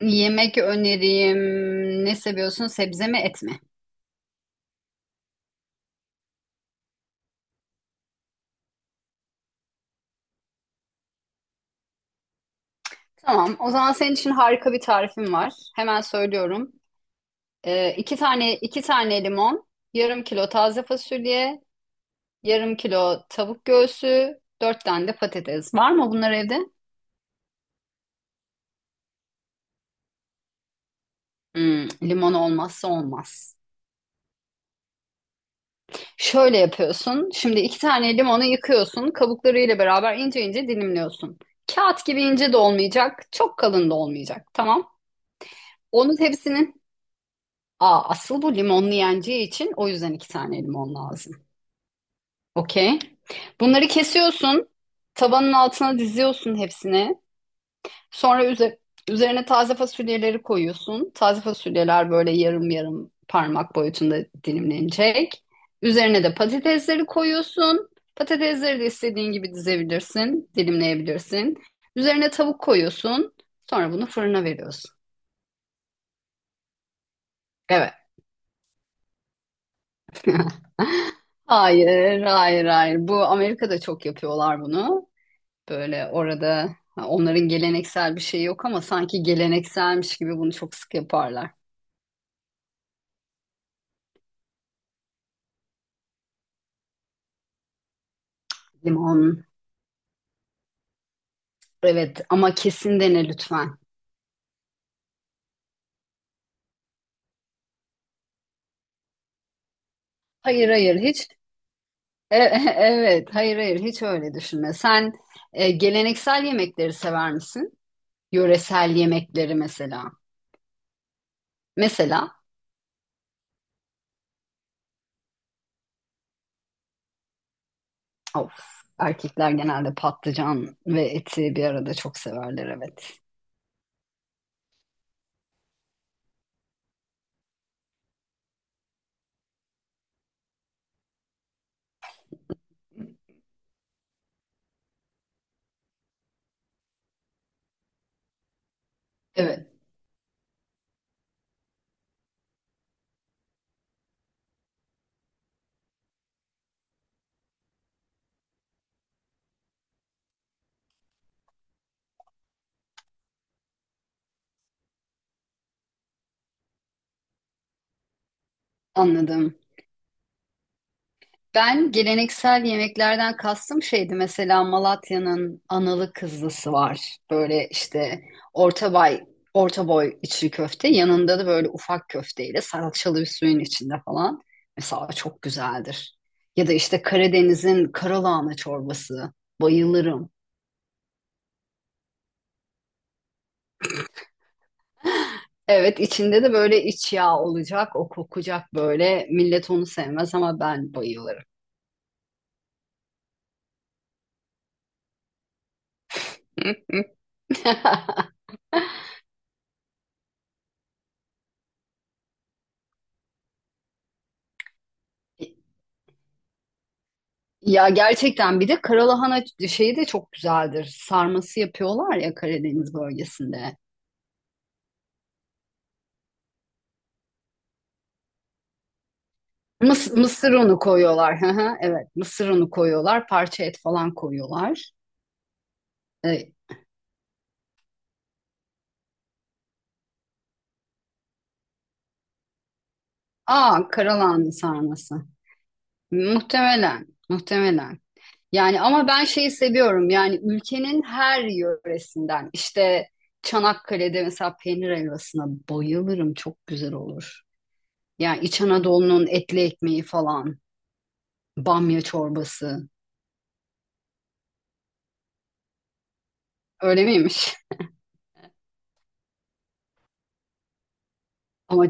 Yemek öneriyim. Ne seviyorsun? Sebze mi, et mi? Tamam. O zaman senin için harika bir tarifim var. Hemen söylüyorum. İki tane limon, yarım kilo taze fasulye, yarım kilo tavuk göğsü, dört tane de patates. Var mı bunlar evde? Limon olmazsa olmaz. Şöyle yapıyorsun. Şimdi iki tane limonu yıkıyorsun. Kabuklarıyla beraber ince ince dilimliyorsun. Kağıt gibi ince de olmayacak, çok kalın da olmayacak. Tamam. Onun hepsinin aa, asıl bu limonlu yeneceği için o yüzden iki tane limon lazım. Okey. Bunları kesiyorsun. Tabanın altına diziyorsun hepsini. Sonra üzerine taze fasulyeleri koyuyorsun. Taze fasulyeler böyle yarım yarım parmak boyutunda dilimlenecek. Üzerine de patatesleri koyuyorsun. Patatesleri de istediğin gibi dizebilirsin, dilimleyebilirsin. Üzerine tavuk koyuyorsun. Sonra bunu fırına veriyorsun. Evet. Hayır, hayır, hayır. Bu Amerika'da çok yapıyorlar bunu. Böyle orada ha, onların geleneksel bir şey yok ama sanki gelenekselmiş gibi bunu çok sık yaparlar. Limon. Evet ama kesin dene lütfen. Hayır, hayır, hiç. Evet, hayır, hayır, hiç öyle düşünme. Sen geleneksel yemekleri sever misin? Yöresel yemekleri mesela. Mesela, of, erkekler genelde patlıcan ve eti bir arada çok severler, evet. Evet. Anladım. Ben geleneksel yemeklerden kastım şeydi, mesela Malatya'nın analı kızlısı var. Böyle işte orta boy, orta boy içli köfte, yanında da böyle ufak köfteyle salçalı bir suyun içinde falan. Mesela çok güzeldir. Ya da işte Karadeniz'in karalahana çorbası. Bayılırım. Evet, içinde de böyle iç yağ olacak, o kokacak böyle. Millet onu sevmez ama ben bayılırım. Ya gerçekten bir de karalahana şeyi de çok güzeldir. Sarması yapıyorlar ya Karadeniz bölgesinde. Mısır unu koyuyorlar. Hı hı, evet, mısır unu koyuyorlar. Parça et falan koyuyorlar. E, karalahana sarması. Muhtemelen, muhtemelen. Yani ama ben şeyi seviyorum. Yani ülkenin her yöresinden. İşte Çanakkale'de mesela peynir helvasına bayılırım. Çok güzel olur. Yani İç Anadolu'nun etli ekmeği falan. Bamya çorbası. Öyle miymiş? Ama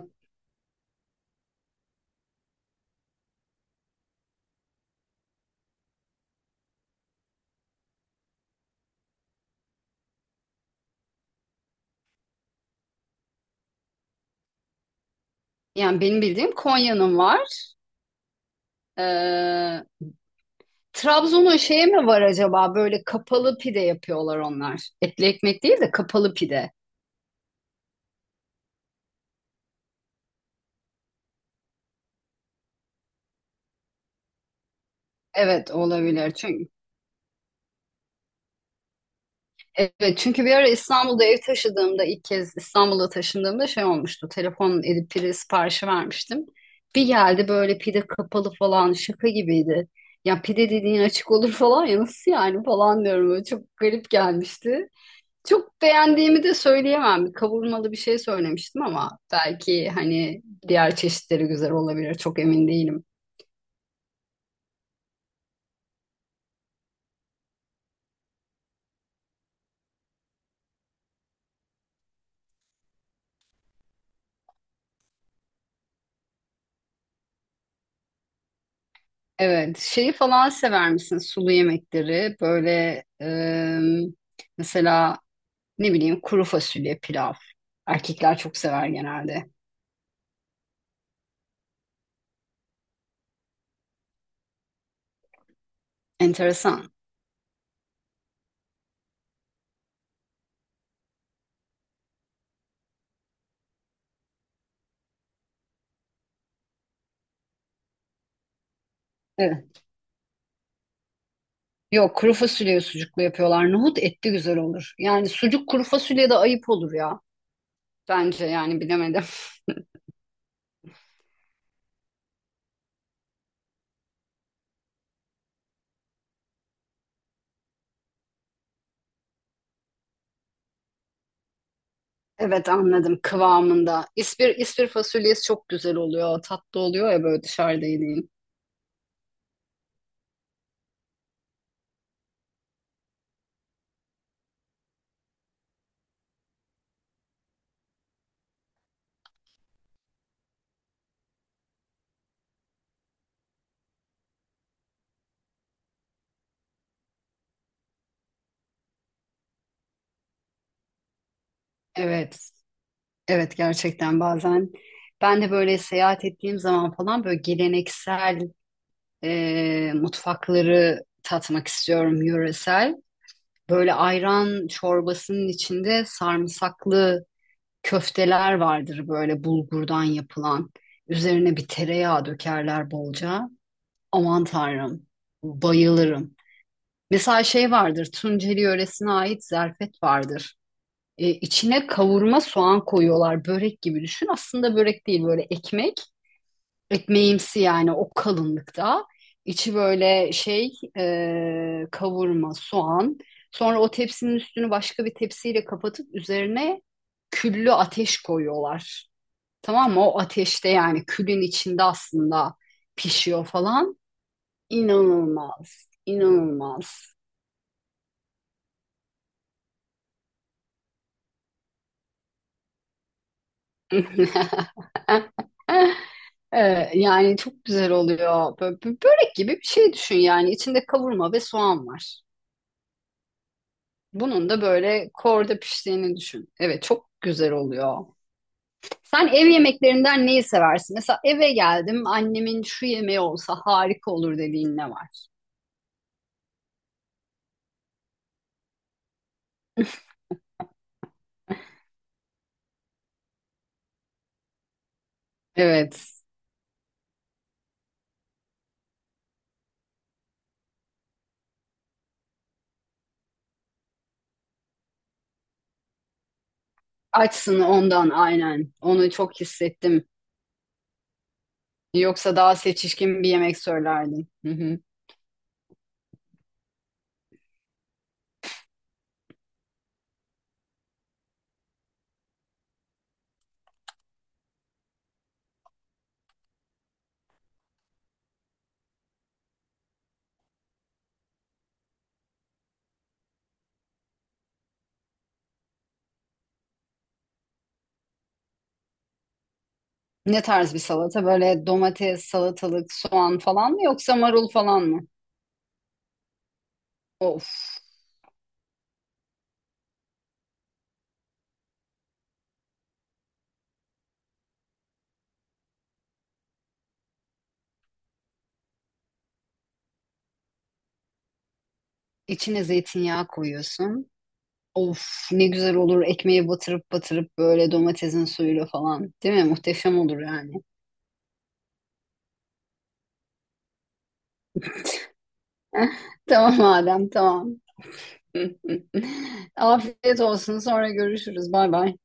yani benim bildiğim Konya'nın var. Ee, Trabzon'un şeye mi var acaba? Böyle kapalı pide yapıyorlar onlar. Etli ekmek değil de kapalı pide. Evet, olabilir. Çünkü evet, çünkü bir ara İstanbul'da ev taşıdığımda, ilk kez İstanbul'a taşındığımda şey olmuştu. Telefon edip pide siparişi vermiştim. Bir geldi böyle, pide kapalı falan, şaka gibiydi. Ya pide dediğin açık olur falan, ya nasıl yani falan diyorum. Böyle çok garip gelmişti. Çok beğendiğimi de söyleyemem. Bir kavurmalı bir şey söylemiştim ama belki hani diğer çeşitleri güzel olabilir. Çok emin değilim. Evet, şeyi falan sever misin? Sulu yemekleri böyle, mesela ne bileyim kuru fasulye pilav. Erkekler çok sever genelde. Enteresan. Evet. Yok, kuru fasulyeyi sucuklu yapıyorlar. Nohut etli güzel olur. Yani sucuk kuru fasulyede ayıp olur ya. Bence yani, bilemedim. Evet, anladım, kıvamında. İspir, ispir fasulyesi çok güzel oluyor. Tatlı oluyor ya, böyle dışarıda yediğin. Evet. Evet gerçekten bazen ben de böyle seyahat ettiğim zaman falan böyle geleneksel mutfakları tatmak istiyorum, yöresel. Böyle ayran çorbasının içinde sarımsaklı köfteler vardır, böyle bulgurdan yapılan. Üzerine bir tereyağı dökerler bolca. Aman Tanrım, bayılırım. Mesela şey vardır, Tunceli yöresine ait zerfet vardır. İçine kavurma soğan koyuyorlar, börek gibi düşün. Aslında börek değil, böyle ekmek, ekmeğimsi, yani o kalınlıkta. İçi böyle şey, kavurma, soğan. Sonra o tepsinin üstünü başka bir tepsiyle kapatıp üzerine küllü ateş koyuyorlar. Tamam mı? O ateşte, yani külün içinde aslında pişiyor falan. İnanılmaz, inanılmaz. Yani çok güzel oluyor. Böyle, börek gibi bir şey düşün yani. İçinde kavurma ve soğan var. Bunun da böyle korda piştiğini düşün. Evet, çok güzel oluyor. Sen ev yemeklerinden neyi seversin? Mesela, eve geldim, annemin şu yemeği olsa harika olur dediğin ne var? Evet. Açsın ondan, aynen. Onu çok hissettim. Yoksa daha seçişkin bir yemek söylerdim. Hı hı. Ne tarz bir salata? Böyle domates, salatalık, soğan falan mı, yoksa marul falan mı? Of. İçine zeytinyağı koyuyorsun. Of, ne güzel olur ekmeğe batırıp batırıp, böyle domatesin suyuyla falan. Değil mi? Muhteşem olur yani. Tamam Adem, tamam. Afiyet olsun, sonra görüşürüz. Bay bay.